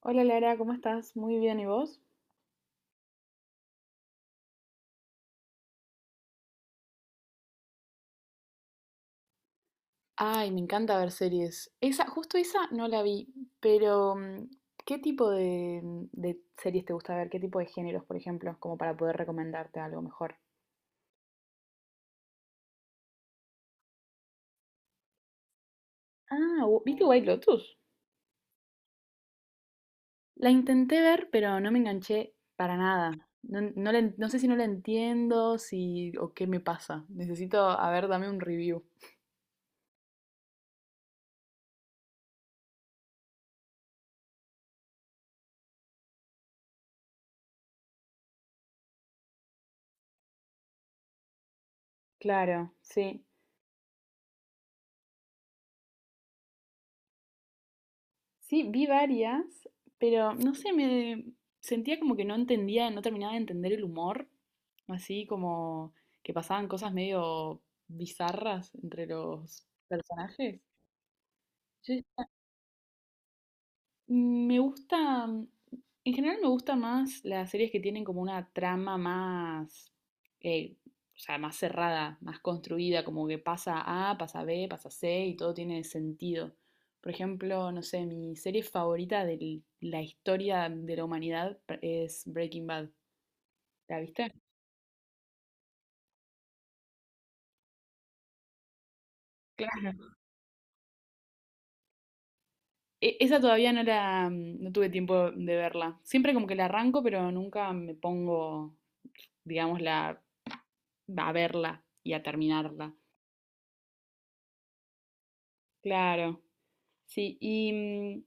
Hola Lara, ¿cómo estás? Muy bien, ¿y vos? Ay, me encanta ver series. Esa, justo esa no la vi, pero ¿qué tipo de series te gusta ver? ¿Qué tipo de géneros, por ejemplo? Como para poder recomendarte algo mejor. Ah, ¿viste White Lotus? La intenté ver, pero no me enganché para nada. No, no sé si no la entiendo, si o qué me pasa. Necesito, a ver, dame un review. Claro, sí. Sí, vi varias, pero no sé, me sentía como que no entendía, no terminaba de entender el humor, así como que pasaban cosas medio bizarras entre los personajes. Yo Mm, Me gusta, mm, en general me gusta más las series que tienen como una trama más, eh, o sea, más cerrada, más construida, como que pasa A, pasa B, pasa C y todo tiene sentido. Por ejemplo, no sé, mi serie favorita de la historia de la humanidad es Breaking Bad. ¿La viste? Claro. Esa todavía no tuve tiempo de verla. Siempre como que la arranco, pero nunca me pongo, digamos, a verla y a terminarla. Claro. Sí, y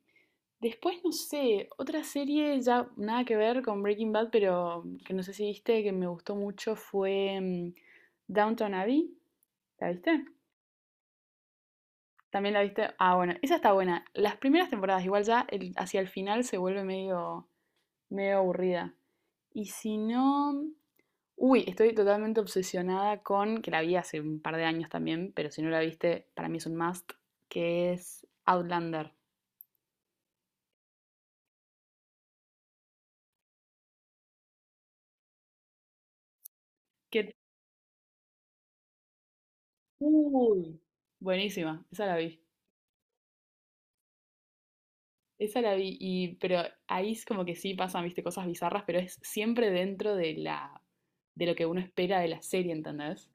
después no sé, otra serie ya nada que ver con Breaking Bad, pero que no sé si viste, que me gustó mucho fue Downton Abbey. ¿La viste? ¿También la viste? Ah, bueno, esa está buena. Las primeras temporadas, igual ya hacia el final se vuelve medio medio aburrida. Y si no... Uy, estoy totalmente obsesionada con, que la vi hace un par de años también, pero si no la viste, para mí es un must, que es Outlander. Que... Uy, buenísima, esa la vi. Esa la vi, pero ahí es como que sí pasan, viste, cosas bizarras, pero es siempre dentro de de lo que uno espera de la serie, ¿entendés?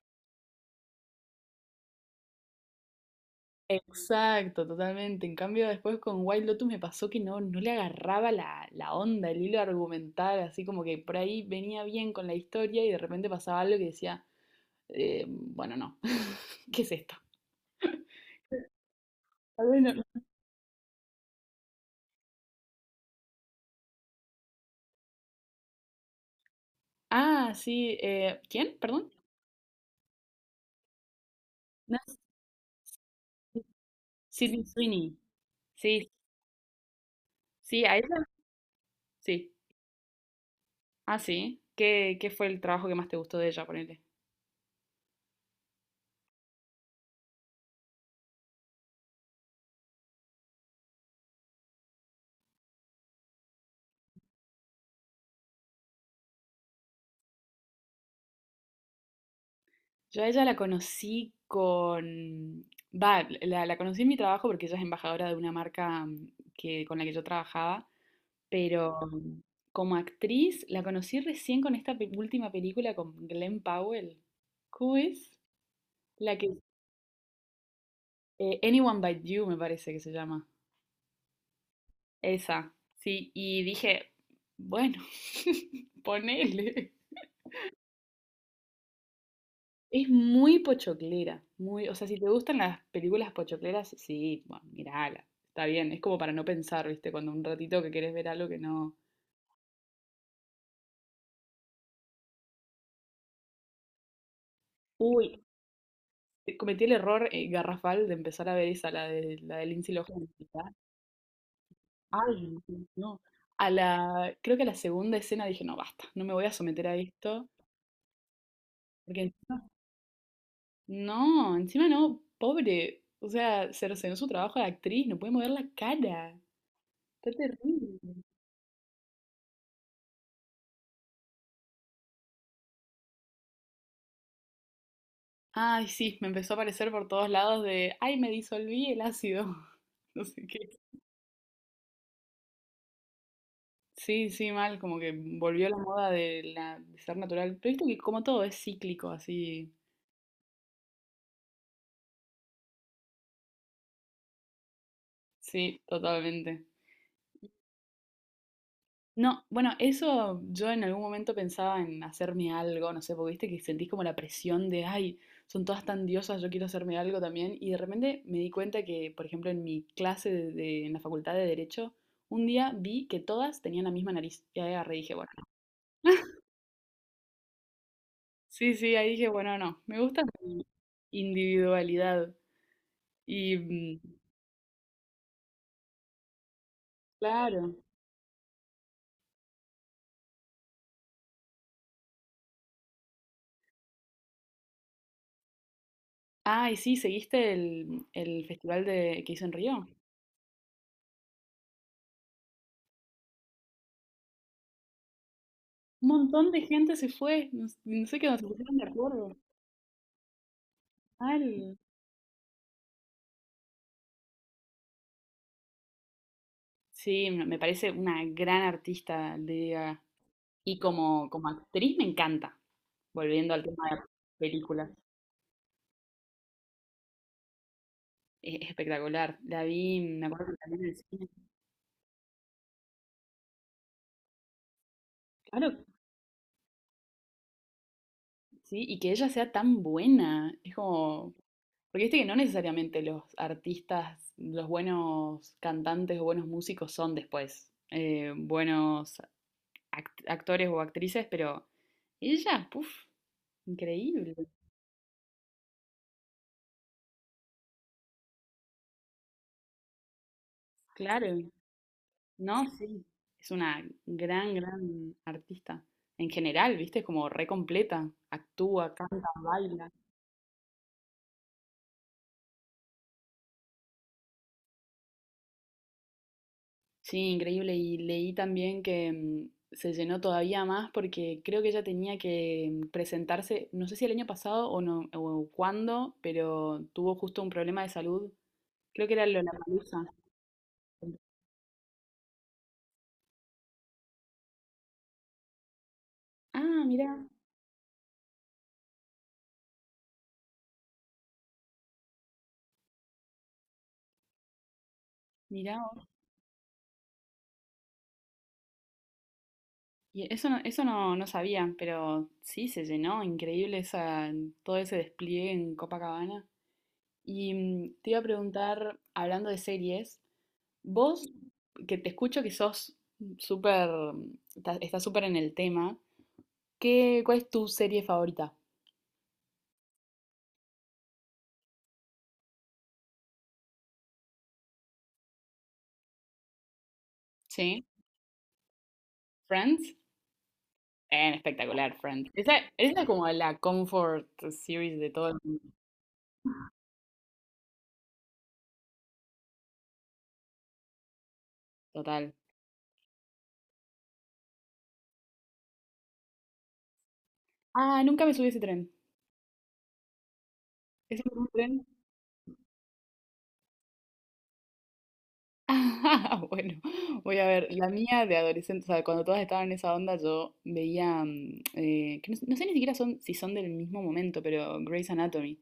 Exacto, totalmente. En cambio, después con Wild Lotus me pasó que no le agarraba la onda, el hilo argumental, así como que por ahí venía bien con la historia y de repente pasaba algo que decía, bueno, no, ¿qué es esto? Tal vez Ah, sí, ¿quién? Perdón. Nancy- Sydney Sweeney. Sí, sí, a ella. Sí. Ah, sí. ¿Qué fue el trabajo que más te gustó de ella, ponele? Yo a ella la conocí con... Va, la conocí en mi trabajo porque ella es embajadora de una marca con la que yo trabajaba, pero como actriz la conocí recién con esta última película con Glenn Powell. ¿Cómo es? La que... Anyone But You me parece que se llama. Esa, sí. Y dije, bueno, ponele. Es muy pochoclera, o sea, si te gustan las películas pochocleras, sí, bueno, mirala, está bien, es como para no pensar, ¿viste? Cuando un ratito que querés ver algo que no... Uy, cometí el error garrafal de empezar a ver esa, la de Lindsay Lohan. ¿Verdad? Ay, no. Creo que a la segunda escena dije, no, basta, no me voy a someter a esto, porque no, encima no, pobre, o sea, cercenó su trabajo de actriz, no puede mover la cara, está terrible. Ay, sí, me empezó a aparecer por todos lados de, ay, me disolví el ácido. No sé qué. Sí, sí, mal, como que volvió la moda de ser natural. Pero viste que como todo es cíclico, así. Sí, totalmente. No, bueno, eso yo en algún momento pensaba en hacerme algo, no sé, porque viste que sentís como la presión de, ay, son todas tan diosas, yo quiero hacerme algo también. Y de repente me di cuenta que, por ejemplo, en mi clase en la facultad de Derecho, un día vi que todas tenían la misma nariz. Y ahí agarré y dije, bueno. Sí, sí, ahí dije, bueno, no, me gusta mi individualidad. Y claro. Ah, y sí, ¿seguiste el festival que hizo en Río? Un montón de gente se fue, no, no sé qué, nos pusieron de acuerdo. Mal. Sí, me parece una gran artista, Lady Gaga. Y como actriz me encanta. Volviendo al tema de películas, es espectacular. La vi, me acuerdo que también en el cine. Claro, sí, y que ella sea tan buena. Es como. Porque viste que no necesariamente los artistas, los buenos cantantes o buenos músicos son después buenos actores o actrices, pero ella, puf, increíble. Claro, no, sí. Es una gran, gran artista. En general, viste, es como re completa. Actúa, canta, baila. Sí, increíble. Y leí también que se llenó todavía más porque creo que ella tenía que presentarse, no sé si el año pasado o no, o cuándo, pero tuvo justo un problema de salud. Creo que era lo de la palusa. Ah, mira, mira. Y eso no, no sabía, pero sí se llenó, increíble esa, todo ese despliegue en Copacabana. Y te iba a preguntar, hablando de series, Vos, que te escucho que sos súper, estás súper en el tema, ¿ cuál es tu serie favorita? ¿Sí? ¿Friends? Espectacular, Friends. Esa es como la comfort series de todo el mundo, total. Ah, nunca me subí a ese tren. ¿Ese ¿Es un tren? Ah, bueno, voy a ver. La mía de adolescente, o sea, cuando todas estaban en esa onda, yo veía, que no, no sé ni siquiera si son del mismo momento, pero Grey's Anatomy.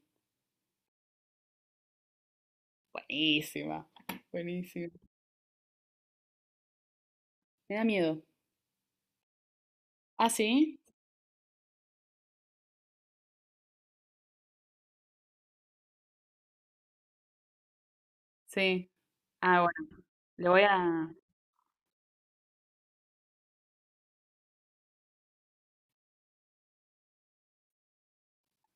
Buenísima, buenísima. Me da miedo. Ah, sí, sí. Ah, bueno, le voy a.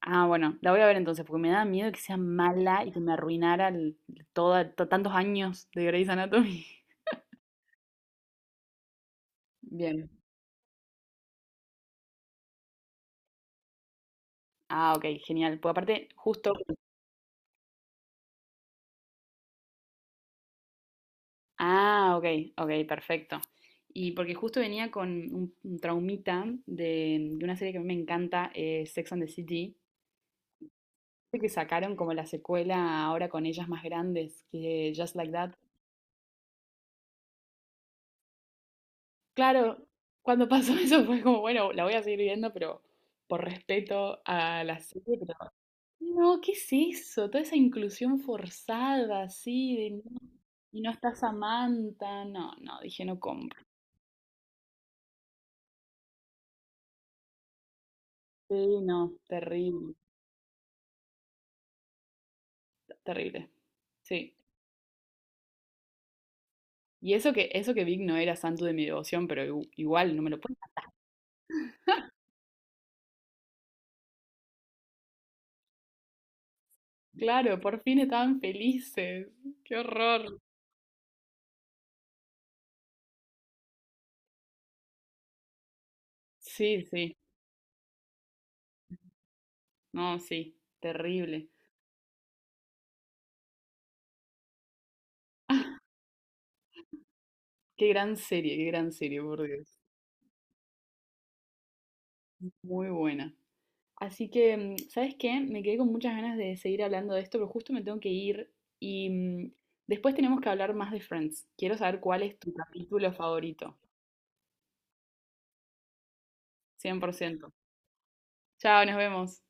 Ah, bueno, la voy a ver entonces, porque me da miedo que sea mala y que me arruinara tantos años de Grey's Anatomy. Bien. Ah, ok, genial. Porque aparte, justo. Ah, ok, ok, perfecto. Y porque justo venía con un traumita de una serie que a mí me encanta, Sex and the City, que sacaron como la secuela ahora con ellas más grandes, que Just Like That. Claro, cuando pasó eso fue como, bueno, la voy a seguir viendo, pero por respeto a la serie, pero no, ¿qué es eso? Toda esa inclusión forzada, así, de y no está Samantha, no, no, dije no compro. Sí, no, terrible, terrible. Sí. Y eso que Vic no era santo de mi devoción, pero igual no me lo puedo. Claro, por fin estaban felices. Qué horror. Sí, sí. No, sí. Terrible. Qué gran serie, por Dios. Muy buena. Así que, ¿sabes qué? Me quedé con muchas ganas de seguir hablando de esto, pero justo me tengo que ir y después tenemos que hablar más de Friends. Quiero saber cuál es tu capítulo favorito. 100%. Chao, nos vemos.